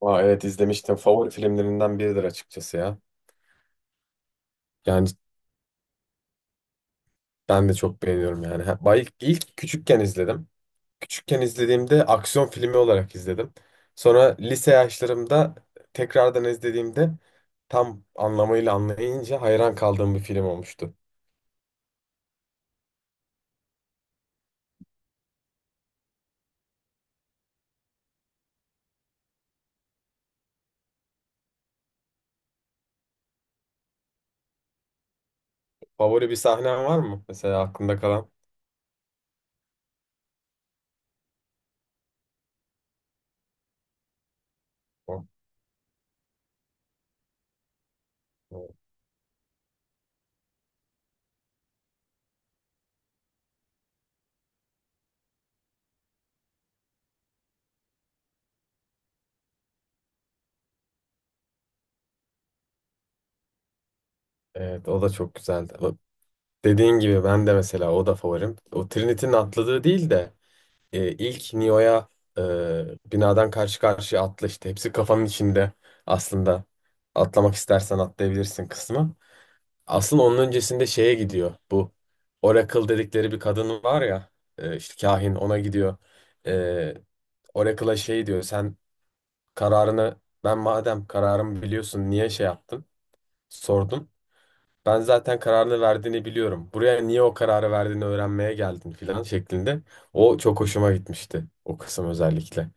Aa, evet izlemiştim. Favori filmlerinden biridir açıkçası ya. Yani ben de çok beğeniyorum yani. Ha, İlk küçükken izledim. Küçükken izlediğimde aksiyon filmi olarak izledim. Sonra lise yaşlarımda tekrardan izlediğimde tam anlamıyla anlayınca hayran kaldığım bir film olmuştu. Favori bir sahnen var mı? Mesela aklında kalan. O- o- Evet, o da çok güzeldi. Dediğin gibi ben de mesela o da favorim. O Trinity'nin atladığı değil de ilk Neo'ya binadan karşı karşıya atla işte. Hepsi kafanın içinde aslında. Atlamak istersen atlayabilirsin kısmı. Aslında onun öncesinde şeye gidiyor. Bu Oracle dedikleri bir kadın var ya, işte kahin ona gidiyor. E, Oracle'a şey diyor, sen kararını ben madem kararımı biliyorsun niye şey yaptın? Sordum. Ben zaten kararını verdiğini biliyorum. Buraya niye o kararı verdiğini öğrenmeye geldin filan şeklinde. O çok hoşuma gitmişti. O kısım özellikle.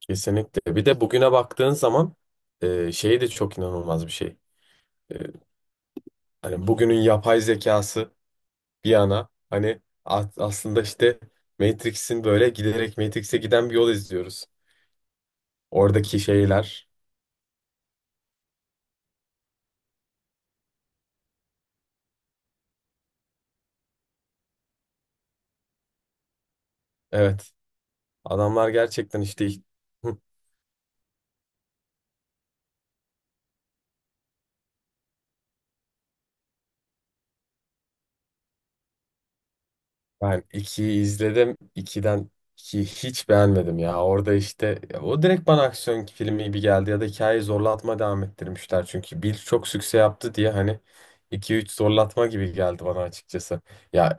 Kesinlikle. Bir de bugüne baktığın zaman şey de çok inanılmaz bir şey. E, hani bugünün yapay zekası bir yana, hani aslında işte Matrix'in böyle giderek Matrix'e giden bir yol izliyoruz. Oradaki şeyler. Evet. Adamlar gerçekten işte. Hı. Ben 2'yi izledim. 2'yi hiç beğenmedim ya. Orada işte ya o direkt bana aksiyon filmi gibi geldi ya da hikayeyi zorlatma devam ettirmişler. Çünkü bir çok sükse yaptı diye hani iki üç zorlatma gibi geldi bana açıkçası. Ya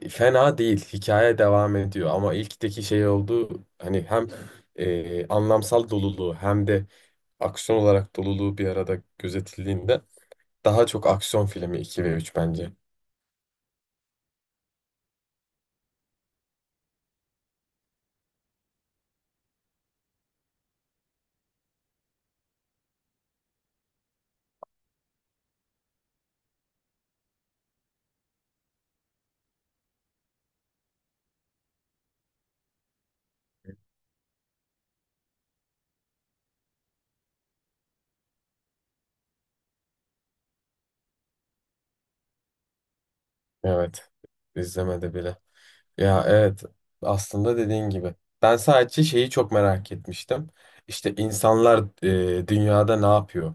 fena değil. Hikaye devam ediyor ama ilkteki şey oldu, hani hem anlamsal doluluğu hem de aksiyon olarak doluluğu bir arada gözetildiğinde daha çok aksiyon filmi 2 ve 3 bence. Evet, izlemedi bile. Ya evet, aslında dediğin gibi. Ben sadece şeyi çok merak etmiştim. İşte insanlar dünyada ne yapıyor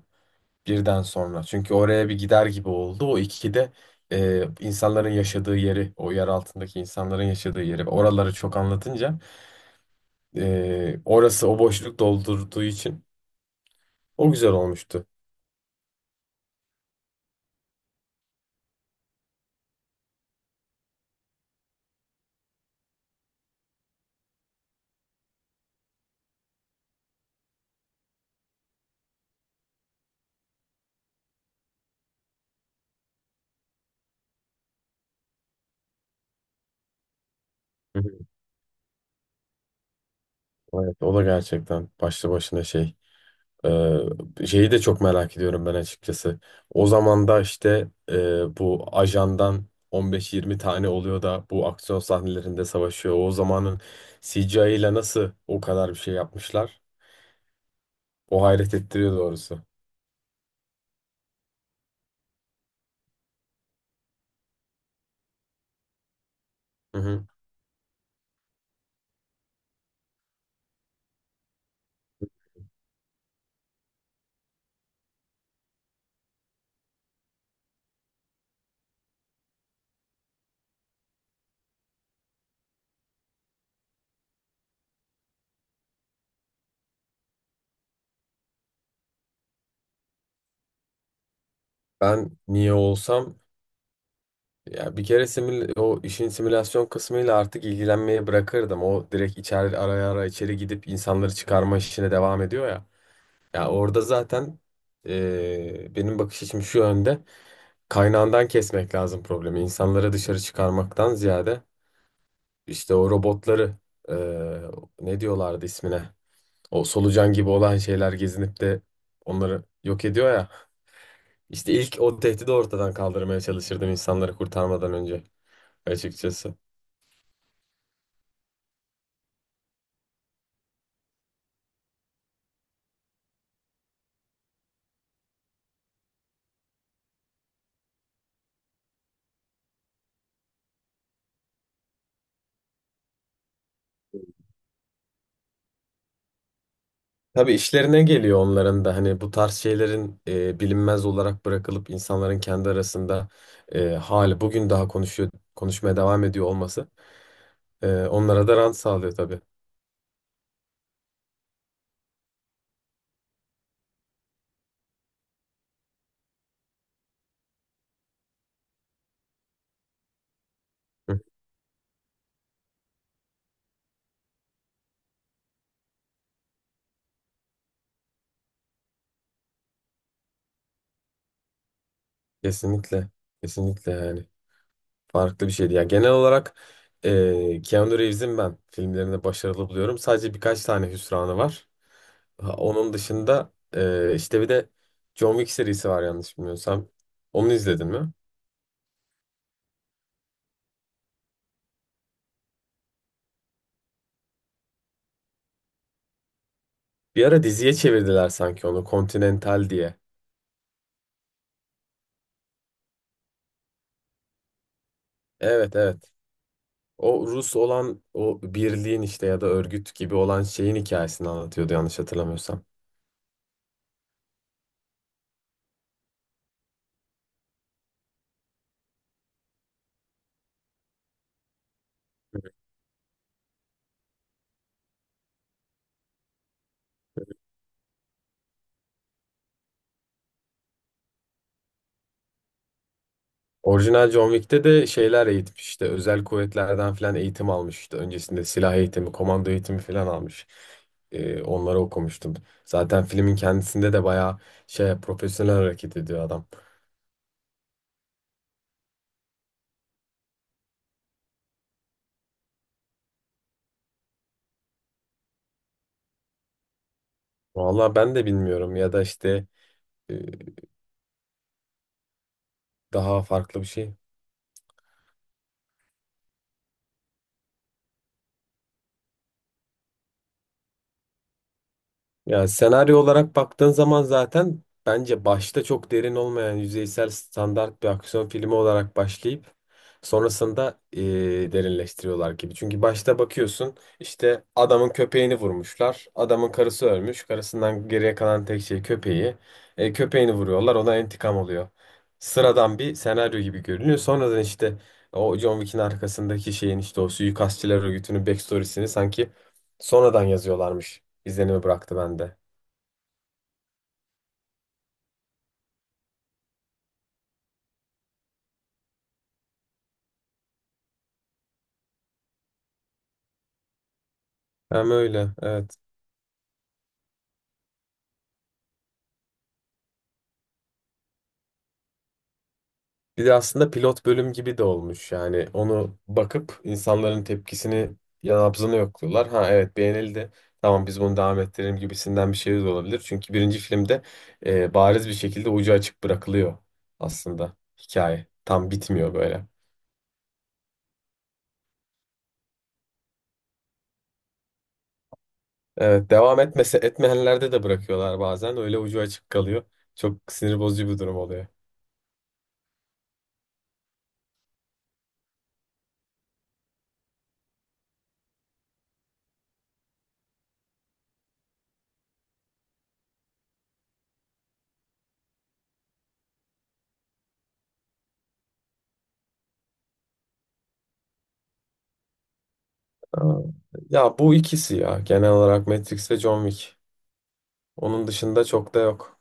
birden sonra. Çünkü oraya bir gider gibi oldu. O ikide insanların yaşadığı yeri, o yer altındaki insanların yaşadığı yeri. Oraları çok anlatınca orası o boşluk doldurduğu için o güzel olmuştu. Hı hı. Evet, o da gerçekten başlı başına şey. Şeyi de çok merak ediyorum ben açıkçası. O zaman da işte bu ajandan 15-20 tane oluyor da bu aksiyon sahnelerinde savaşıyor. O zamanın CGI ile nasıl o kadar bir şey yapmışlar? O hayret ettiriyor doğrusu. Hı hı. Ben niye olsam, ya bir kere o işin simülasyon kısmıyla artık ilgilenmeye bırakırdım. O direkt içeri ara içeri gidip insanları çıkarma işine devam ediyor ya. Ya orada zaten benim bakış açım şu yönde. Kaynağından kesmek lazım problemi. İnsanları dışarı çıkarmaktan ziyade işte o robotları e, ne diyorlardı ismine? O solucan gibi olan şeyler gezinip de onları yok ediyor ya. İşte ilk o tehdidi ortadan kaldırmaya çalışırdım insanları kurtarmadan önce açıkçası. Tabii işlerine geliyor onların da, hani bu tarz şeylerin bilinmez olarak bırakılıp insanların kendi arasında hali bugün daha konuşuyor konuşmaya devam ediyor olması onlara da rant sağlıyor tabii. Kesinlikle. Kesinlikle yani. Farklı bir şeydi. Yani genel olarak Keanu Reeves'in ben filmlerinde başarılı buluyorum. Sadece birkaç tane hüsranı var. Ha, onun dışında işte bir de John Wick serisi var yanlış bilmiyorsam. Onu izledin mi? Bir ara diziye çevirdiler sanki onu. Continental diye. Evet, evet. O Rus olan o birliğin işte ya da örgüt gibi olan şeyin hikayesini anlatıyordu yanlış hatırlamıyorsam. Orijinal John Wick'te de şeyler eğitmiş, işte özel kuvvetlerden falan eğitim almış, işte öncesinde silah eğitimi, komando eğitimi falan almış. Onları okumuştum. Zaten filmin kendisinde de bayağı şey profesyonel hareket ediyor adam. Vallahi ben de bilmiyorum ya da işte e, daha farklı bir şey. Ya senaryo olarak baktığın zaman zaten bence başta çok derin olmayan yüzeysel standart bir aksiyon filmi olarak başlayıp sonrasında derinleştiriyorlar gibi. Çünkü başta bakıyorsun işte adamın köpeğini vurmuşlar. Adamın karısı ölmüş. Karısından geriye kalan tek şey köpeği. Köpeğini vuruyorlar. Ona intikam oluyor. Sıradan bir senaryo gibi görünüyor. Sonradan işte o John Wick'in arkasındaki şeyin, işte o suikastçılar örgütünün backstory'sini sanki sonradan yazıyorlarmış izlenimi bıraktı bende. Hem öyle, evet. Bir de aslında pilot bölüm gibi de olmuş yani, onu bakıp insanların tepkisini yanabzını yokluyorlar. Ha evet, beğenildi. Tamam, biz bunu devam ettirelim gibisinden bir şey de olabilir. Çünkü birinci filmde bariz bir şekilde ucu açık bırakılıyor aslında hikaye. Tam bitmiyor böyle. Evet devam etmese etmeyenlerde de bırakıyorlar bazen. Öyle ucu açık kalıyor. Çok sinir bozucu bir durum oluyor. Aa, ya bu ikisi ya, genel olarak Matrix ve John Wick. Onun dışında çok da yok.